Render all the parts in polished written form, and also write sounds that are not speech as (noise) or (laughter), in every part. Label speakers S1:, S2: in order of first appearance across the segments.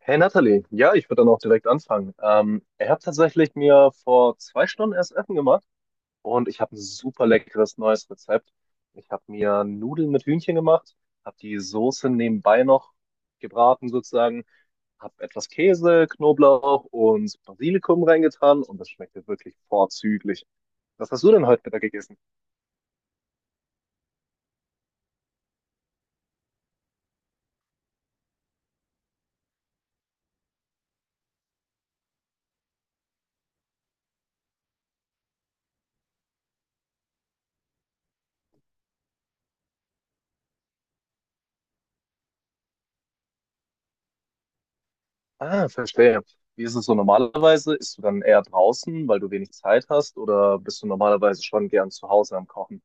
S1: Hey Nathalie, ja, ich würde dann auch direkt anfangen. Ich habe tatsächlich mir vor 2 Stunden erst Essen gemacht und ich habe ein super leckeres neues Rezept. Ich habe mir Nudeln mit Hühnchen gemacht, habe die Soße nebenbei noch gebraten sozusagen, habe etwas Käse, Knoblauch und Basilikum reingetan und das schmeckte wirklich vorzüglich. Was hast du denn heute Mittag gegessen? Ah, verstehe. Wie ist es so normalerweise? Isst du dann eher draußen, weil du wenig Zeit hast, oder bist du normalerweise schon gern zu Hause am Kochen?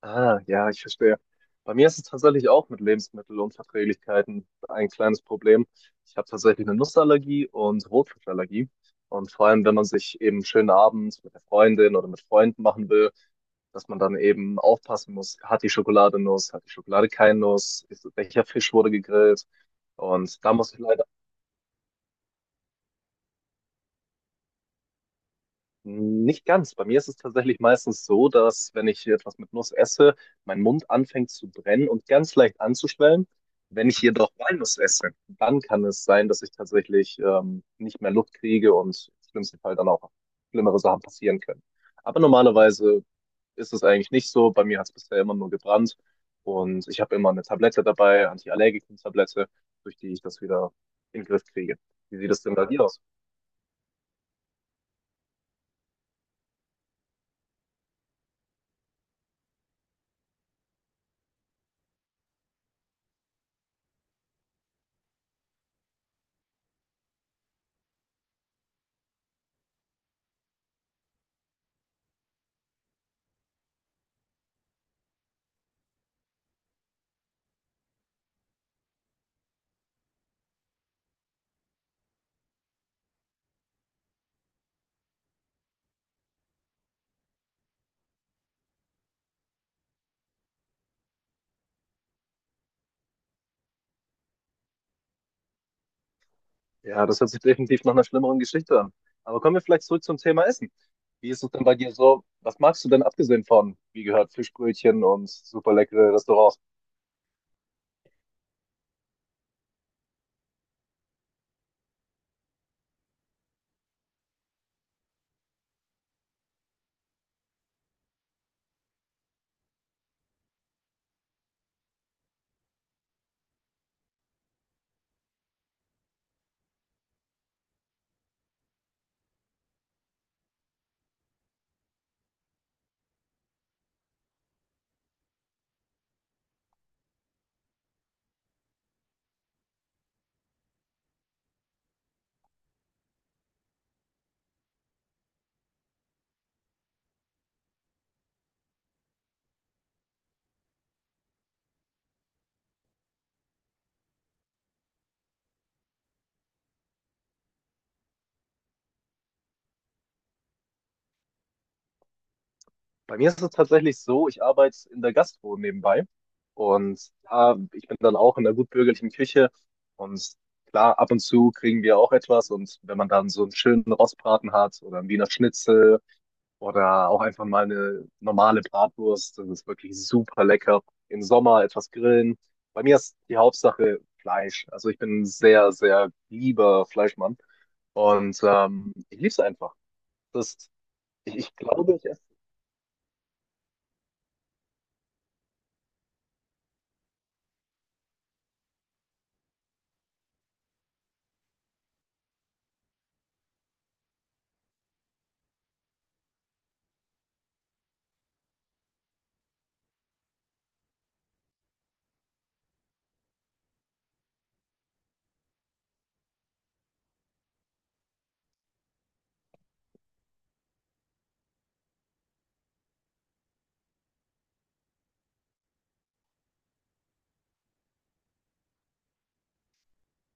S1: Ah, ja, ich verstehe. Bei mir ist es tatsächlich auch mit Lebensmittelunverträglichkeiten ein kleines Problem. Ich habe tatsächlich eine Nussallergie und Rotfruchtallergie. Und vor allem, wenn man sich eben einen schönen Abend mit der Freundin oder mit Freunden machen will, dass man dann eben aufpassen muss, hat die Schokolade Nuss, hat die Schokolade keine Nuss, ist, welcher Fisch wurde gegrillt. Und da muss ich leider. Nicht ganz. Bei mir ist es tatsächlich meistens so, dass wenn ich hier etwas mit Nuss esse, mein Mund anfängt zu brennen und ganz leicht anzuschwellen. Wenn ich jedoch Walnuss esse, dann kann es sein, dass ich tatsächlich nicht mehr Luft kriege und im schlimmsten Fall dann auch schlimmere Sachen passieren können. Aber normalerweise ist es eigentlich nicht so. Bei mir hat es bisher immer nur gebrannt und ich habe immer eine Tablette dabei, Antiallergikum-Tablette, durch die ich das wieder in den Griff kriege. Wie sieht es denn bei dir aus? Ja, das hört sich definitiv nach einer schlimmeren Geschichte an. Aber kommen wir vielleicht zurück zum Thema Essen. Wie ist es denn bei dir so? Was magst du denn abgesehen von, wie gehört, Fischbrötchen und super leckere Restaurants? Bei mir ist es tatsächlich so, ich arbeite in der Gastro nebenbei und da, ich bin dann auch in der gutbürgerlichen Küche, und klar, ab und zu kriegen wir auch etwas, und wenn man dann so einen schönen Rostbraten hat oder einen Wiener Schnitzel. Oder auch einfach mal eine normale Bratwurst. Das ist wirklich super lecker. Im Sommer etwas grillen. Bei mir ist die Hauptsache Fleisch. Also ich bin ein sehr, sehr lieber Fleischmann. Und ich liebe es einfach. Das, ich glaube, ich esse.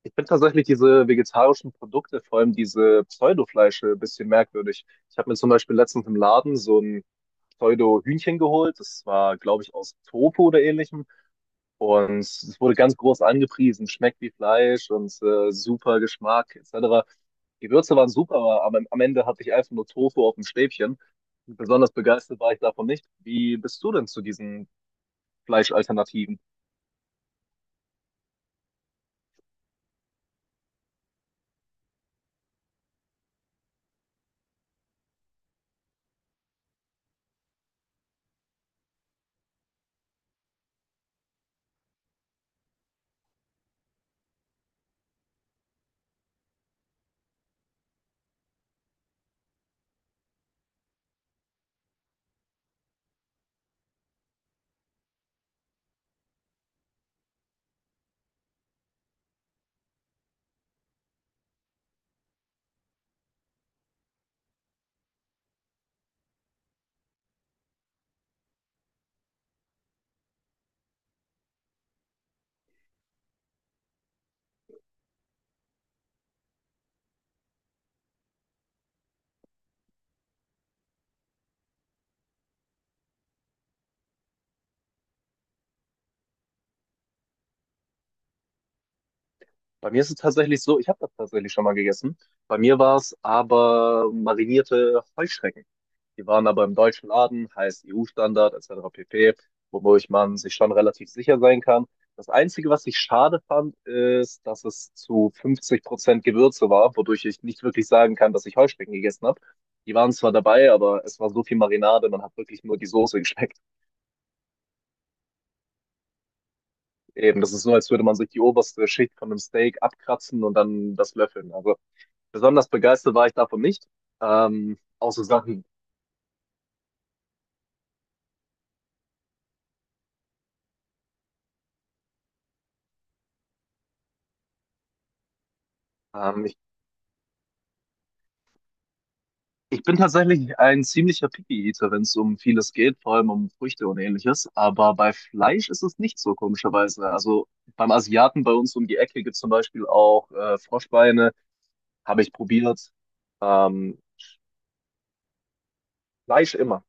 S1: Ich finde tatsächlich diese vegetarischen Produkte, vor allem diese Pseudofleische, ein bisschen merkwürdig. Ich habe mir zum Beispiel letztens im Laden so ein Pseudo-Hühnchen geholt. Das war, glaube ich, aus Tofu oder ähnlichem. Und es wurde ganz groß angepriesen, schmeckt wie Fleisch und super Geschmack etc. Gewürze waren super, aber am Ende hatte ich einfach nur Tofu auf dem Stäbchen. Besonders begeistert war ich davon nicht. Wie bist du denn zu diesen Fleischalternativen? Bei mir ist es tatsächlich so, ich habe das tatsächlich schon mal gegessen. Bei mir war es aber marinierte Heuschrecken. Die waren aber im deutschen Laden, heißt EU-Standard etc. pp., wodurch man sich schon relativ sicher sein kann. Das Einzige, was ich schade fand, ist, dass es zu 50% Gewürze war, wodurch ich nicht wirklich sagen kann, dass ich Heuschrecken gegessen habe. Die waren zwar dabei, aber es war so viel Marinade, man hat wirklich nur die Soße geschmeckt. Eben, das ist so, als würde man sich die oberste Schicht von einem Steak abkratzen und dann das löffeln. Also besonders begeistert war ich davon nicht. Auch so Sachen, ich Ich bin tatsächlich ein ziemlicher Picky-Eater, wenn es um vieles geht, vor allem um Früchte und ähnliches. Aber bei Fleisch ist es nicht so, komischerweise. Also beim Asiaten bei uns um die Ecke gibt es zum Beispiel auch Froschbeine, habe ich probiert. Ähm, Fleisch immer.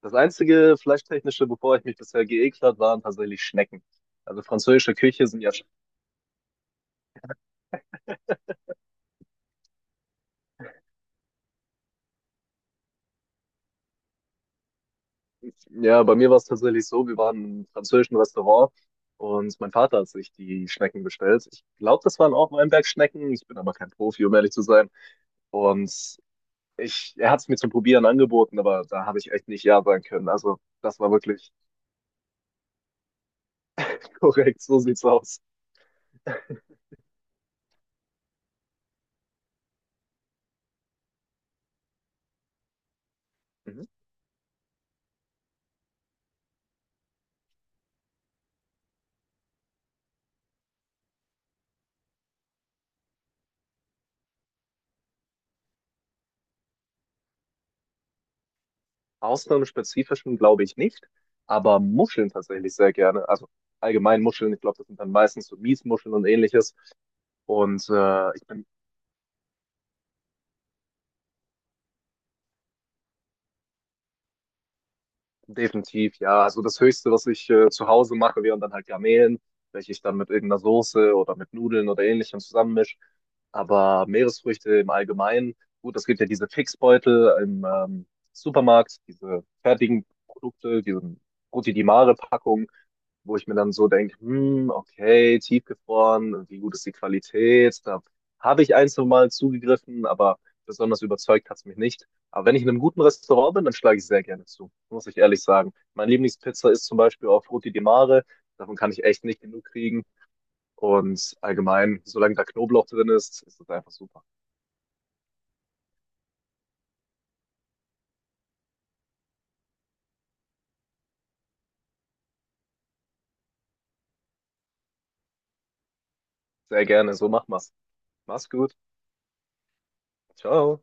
S1: Das einzige Fleischtechnische, bevor ich mich bisher geekelt habe, waren tatsächlich Schnecken. Also französische Küche sind ja. Ja, bei mir war es tatsächlich so, wir waren im französischen Restaurant und mein Vater hat sich die Schnecken bestellt. Ich glaube, das waren auch Weinbergschnecken. Ich bin aber kein Profi, um ehrlich zu sein. Und er hat es mir zum Probieren angeboten, aber da habe ich echt nicht ja sagen können. Also das war wirklich. (laughs) Korrekt, so sieht's aus. Mhm. Ausnahmen glaube ich nicht, aber Muscheln tatsächlich sehr gerne. Also allgemein Muscheln, ich glaube, das sind dann meistens so Miesmuscheln und ähnliches. Und ich bin. Definitiv, ja. Also das Höchste, was ich zu Hause mache, wären dann halt Garnelen, welche ich dann mit irgendeiner Soße oder mit Nudeln oder ähnlichem zusammenmisch. Aber Meeresfrüchte im Allgemeinen, gut, es gibt ja diese Fixbeutel im Supermarkt, diese fertigen Produkte, diese Frutti di Mare-Packung, wo ich mir dann so denke, hm, okay, tiefgefroren, wie gut ist die Qualität? Da habe ich ein, zwei Mal zugegriffen, aber besonders überzeugt hat es mich nicht. Aber wenn ich in einem guten Restaurant bin, dann schlage ich sehr gerne zu, muss ich ehrlich sagen. Meine Lieblingspizza ist zum Beispiel auf Roti di Mare. Davon kann ich echt nicht genug kriegen. Und allgemein, solange da Knoblauch drin ist, ist das einfach super. Sehr gerne, so machen wir's. Mach's gut. Ciao.